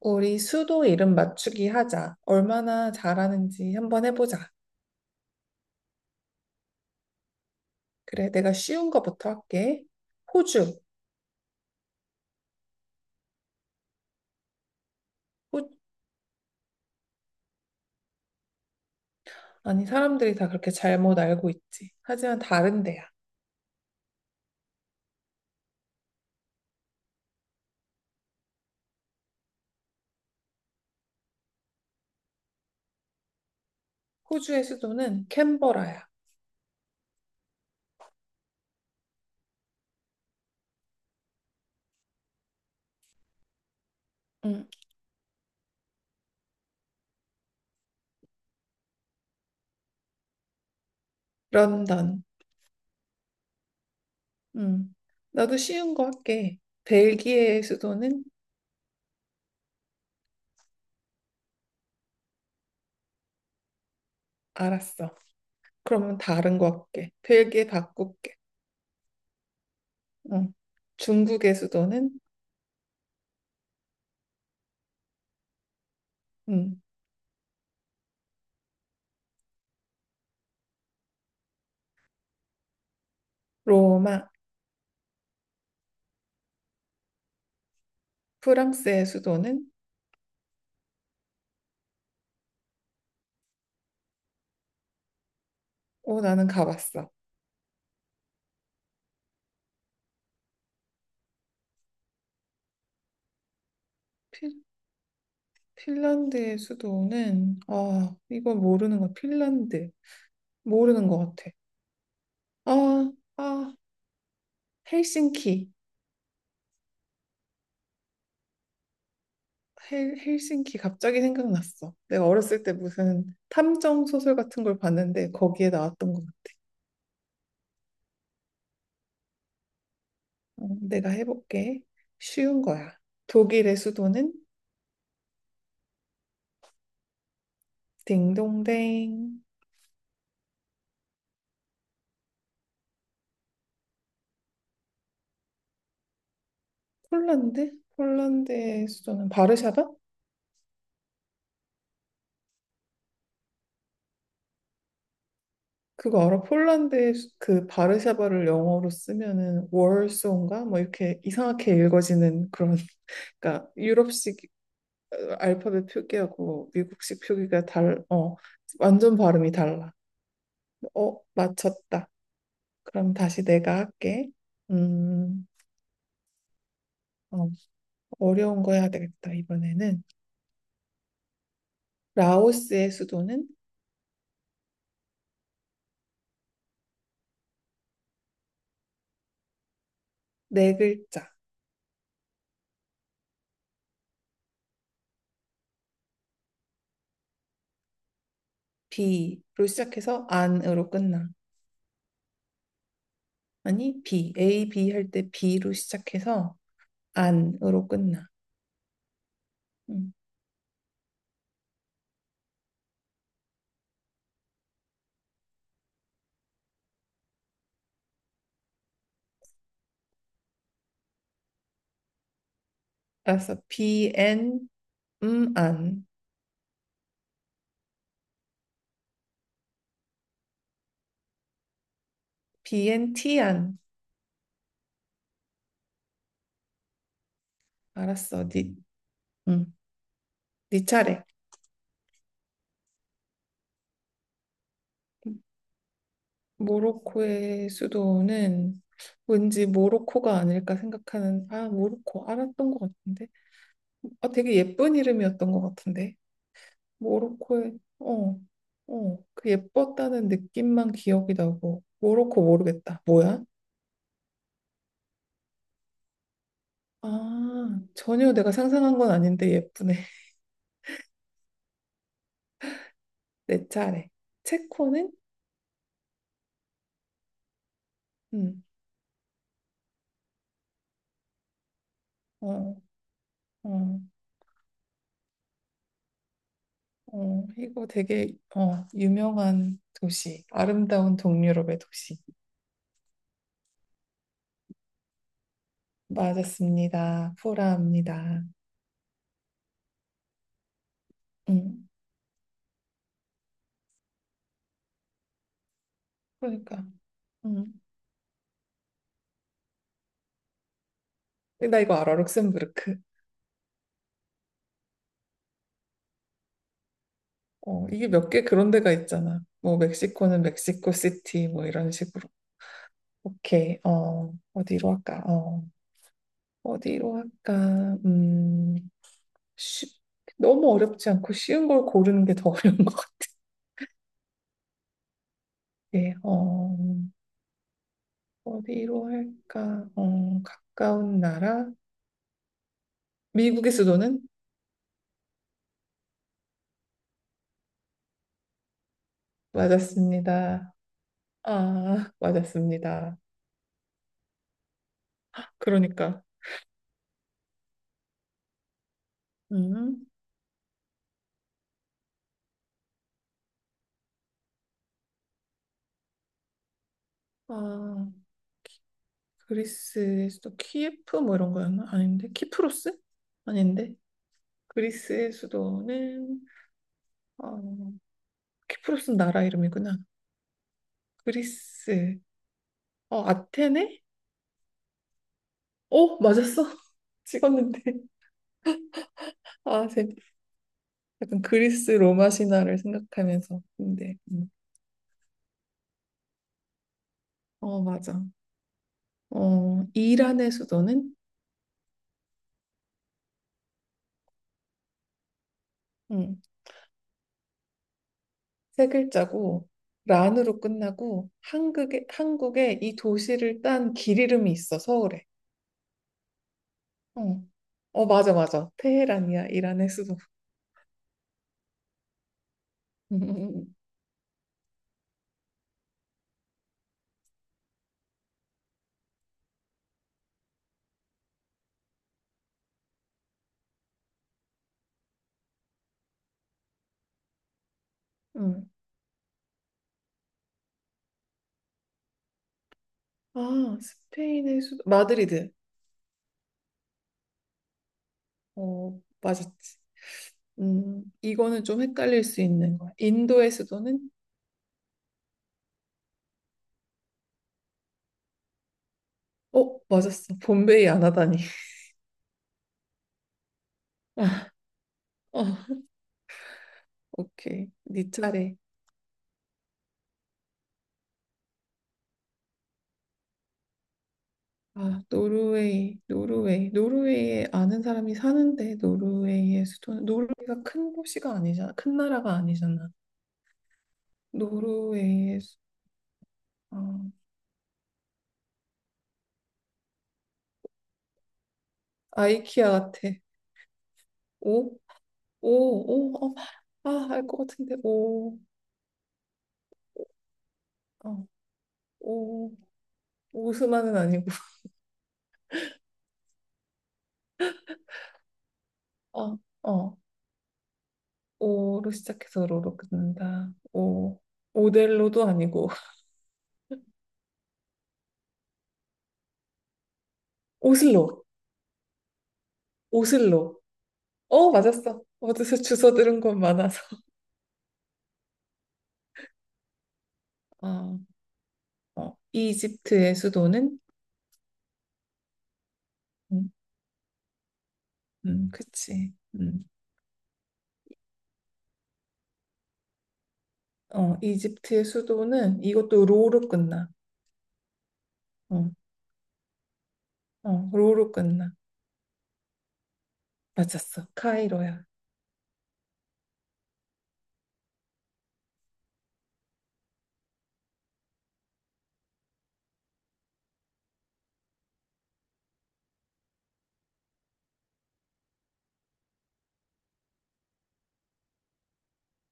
우리 수도 이름 맞추기 하자. 얼마나 잘하는지 한번 해보자. 그래, 내가 쉬운 거부터 할게. 호주. 호... 아니, 사람들이 다 그렇게 잘못 알고 있지. 하지만 다른 데야. 호주의 수도는 캔버라야. 응. 런던. 응. 나도 쉬운 거 할게. 벨기에의 수도는 알았어. 그러면 다른 거 할게. 벨기에 바꿀게. 응. 중국의 수도는 응. 로마. 프랑스의 수도는 오, 나는 가봤어. 핀란드의 수도는 이거 모르는 거 핀란드 모르는 것 같아. 아, 아 헬싱키 헬싱키 갑자기 생각났어. 내가 어렸을 때 무슨 탐정 소설 같은 걸 봤는데 거기에 나왔던 것 같아. 어, 내가 해볼게. 쉬운 거야. 독일의 수도는 딩동댕. 폴란드 폴란드의 수도는 바르샤바? 그거 알아? 폴란드의 수- 그 바르샤바를 영어로 쓰면은 월소인가? 뭐 이렇게 이상하게 읽어지는 그런 그러니까 유럽식 어, 알파벳 표기하고 미국식 표기가 달, 어, 완전 발음이 달라. 어, 맞췄다. 그럼 다시 내가 할게. 음, 어, 어려운 거 해야 되겠다, 이번에는. 라오스의 수도는 네 글자, B로 시작해서 안으로 끝나. 아니, B, A, B 할 때 B로 시작해서 안으로 끝나. 음, 알았어. BN, 안. BNT, 안. 알았어. 니, 음, 니 차례. 모로코의 수도는 왠지 모로코가 아닐까 생각하는, 아, 모로코. 알았던 것 같은데. 아, 되게 예쁜 이름이었던 것 같은데. 모로코의, 어, 어, 그 예뻤다는 느낌만 기억이 나고. 모로코 모르겠다. 뭐야? 아, 전혀 내가 상상한 건 아닌데 예쁘네. 내 차례. 체코는? 음, 어. 어, 어, 이거 되게 어, 유명한 도시, 아름다운 동유럽의 도시. 맞았습니다. 프라하입니다. 음, 그러니까. 음. 근데 나 이거 알아, 룩셈부르크. 어, 이게 몇 개 그런 데가 있잖아. 뭐 멕시코는 멕시코 시티 뭐 이런 식으로. 오케이. 어, 어디로 할까? 어, 어디로 할까? 쉽, 너무 어렵지 않고 쉬운 걸 고르는 게 더 어려운 것 같아. 어, 어디로 할까? 어, 가까운 나라? 미국의 수도는? 맞았습니다. 아, 맞았습니다. 그러니까, 음, 아, 그리스의 수도 키예프 뭐 이런 거였나? 아닌데, 키프로스? 아닌데, 그리스의 수도는 어, 키프로스는 나라 이름이구나. 그리스, 어, 아테네? 어, 맞았어. 찍었는데, 아, 제- 약간 그리스 로마 신화를 생각하면서, 근데, 어, 맞아. 어, 이란의 수도는 음, 세 글자고 란으로 끝나고 한국에 이 도시를 딴 길 이름이 있어 서울에. 어. 어 맞아 맞아 테헤란이야 이란의 수도. 음. 아 스페인의 수도 마드리드. 어 맞았지. 이거는 좀 헷갈릴 수 있는 거야. 인도의 수도는 어 맞았어. bombay이 안 하다니. 어 오케이 네 차례. 아, 노르웨이, 노르웨이. 노르웨이에 아는 사람이 사는데 노르웨이의 수도 노르웨이가 큰 도시가 아니잖아. 큰 나라가 아니잖아. 노르웨이의 수- 어, 아이키아 같아. 오, 오, 오. 어, 아, 알 것 같은데. 오. 어. 오. 오스만은 아니고. 어. 어. 오로 시작해서 로로 끝난다. 오. 오델로도 아니고. 오슬로. 오슬로. 어, 맞았어. 어디서 주워 들은 건 많아서. 아, 어, 이집트의 수도는 음, 그치. 음. 어, 이집트의 수도는 이것도 로로 끝나. 어, 어, 로로 끝나. 맞았어. 카이로야.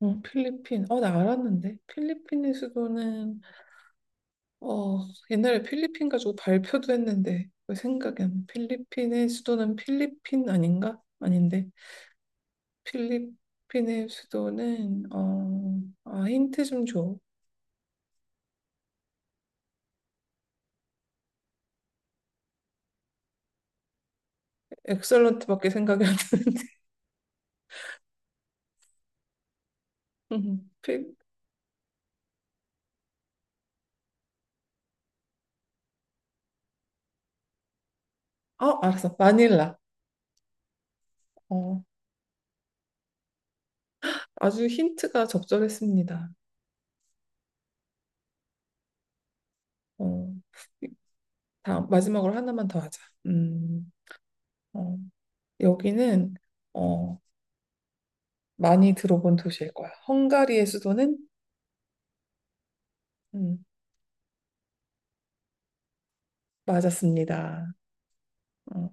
어, 필리핀. 어, 나 알았는데. 필리핀의 수도는 어, 옛날에 필리핀 가지고 발표도 했는데 왜 생각이 안 나. 필리핀의 수도는 필리핀 아닌가? 아닌데. 필리핀의 수도는 어, 아, 힌트 좀 줘. 엑설런트밖에 생각이 안 나는데. 필- 어, 알았어. 마닐라. 어, 아주 힌트가 적절했습니다. 어, 다음, 마지막으로 하나만 더 하자. 음, 어, 여기는, 어, 많이 들어본 도시일 거야. 헝가리의 수도는? 음, 맞았습니다. 어,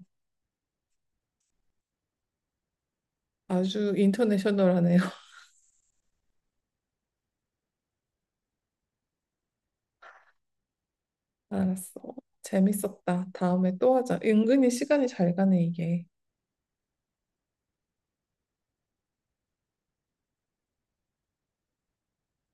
아주 인터내셔널하네요. 알았어. 재밌었다. 다음에 또 하자. 은근히 시간이 잘 가네, 이게.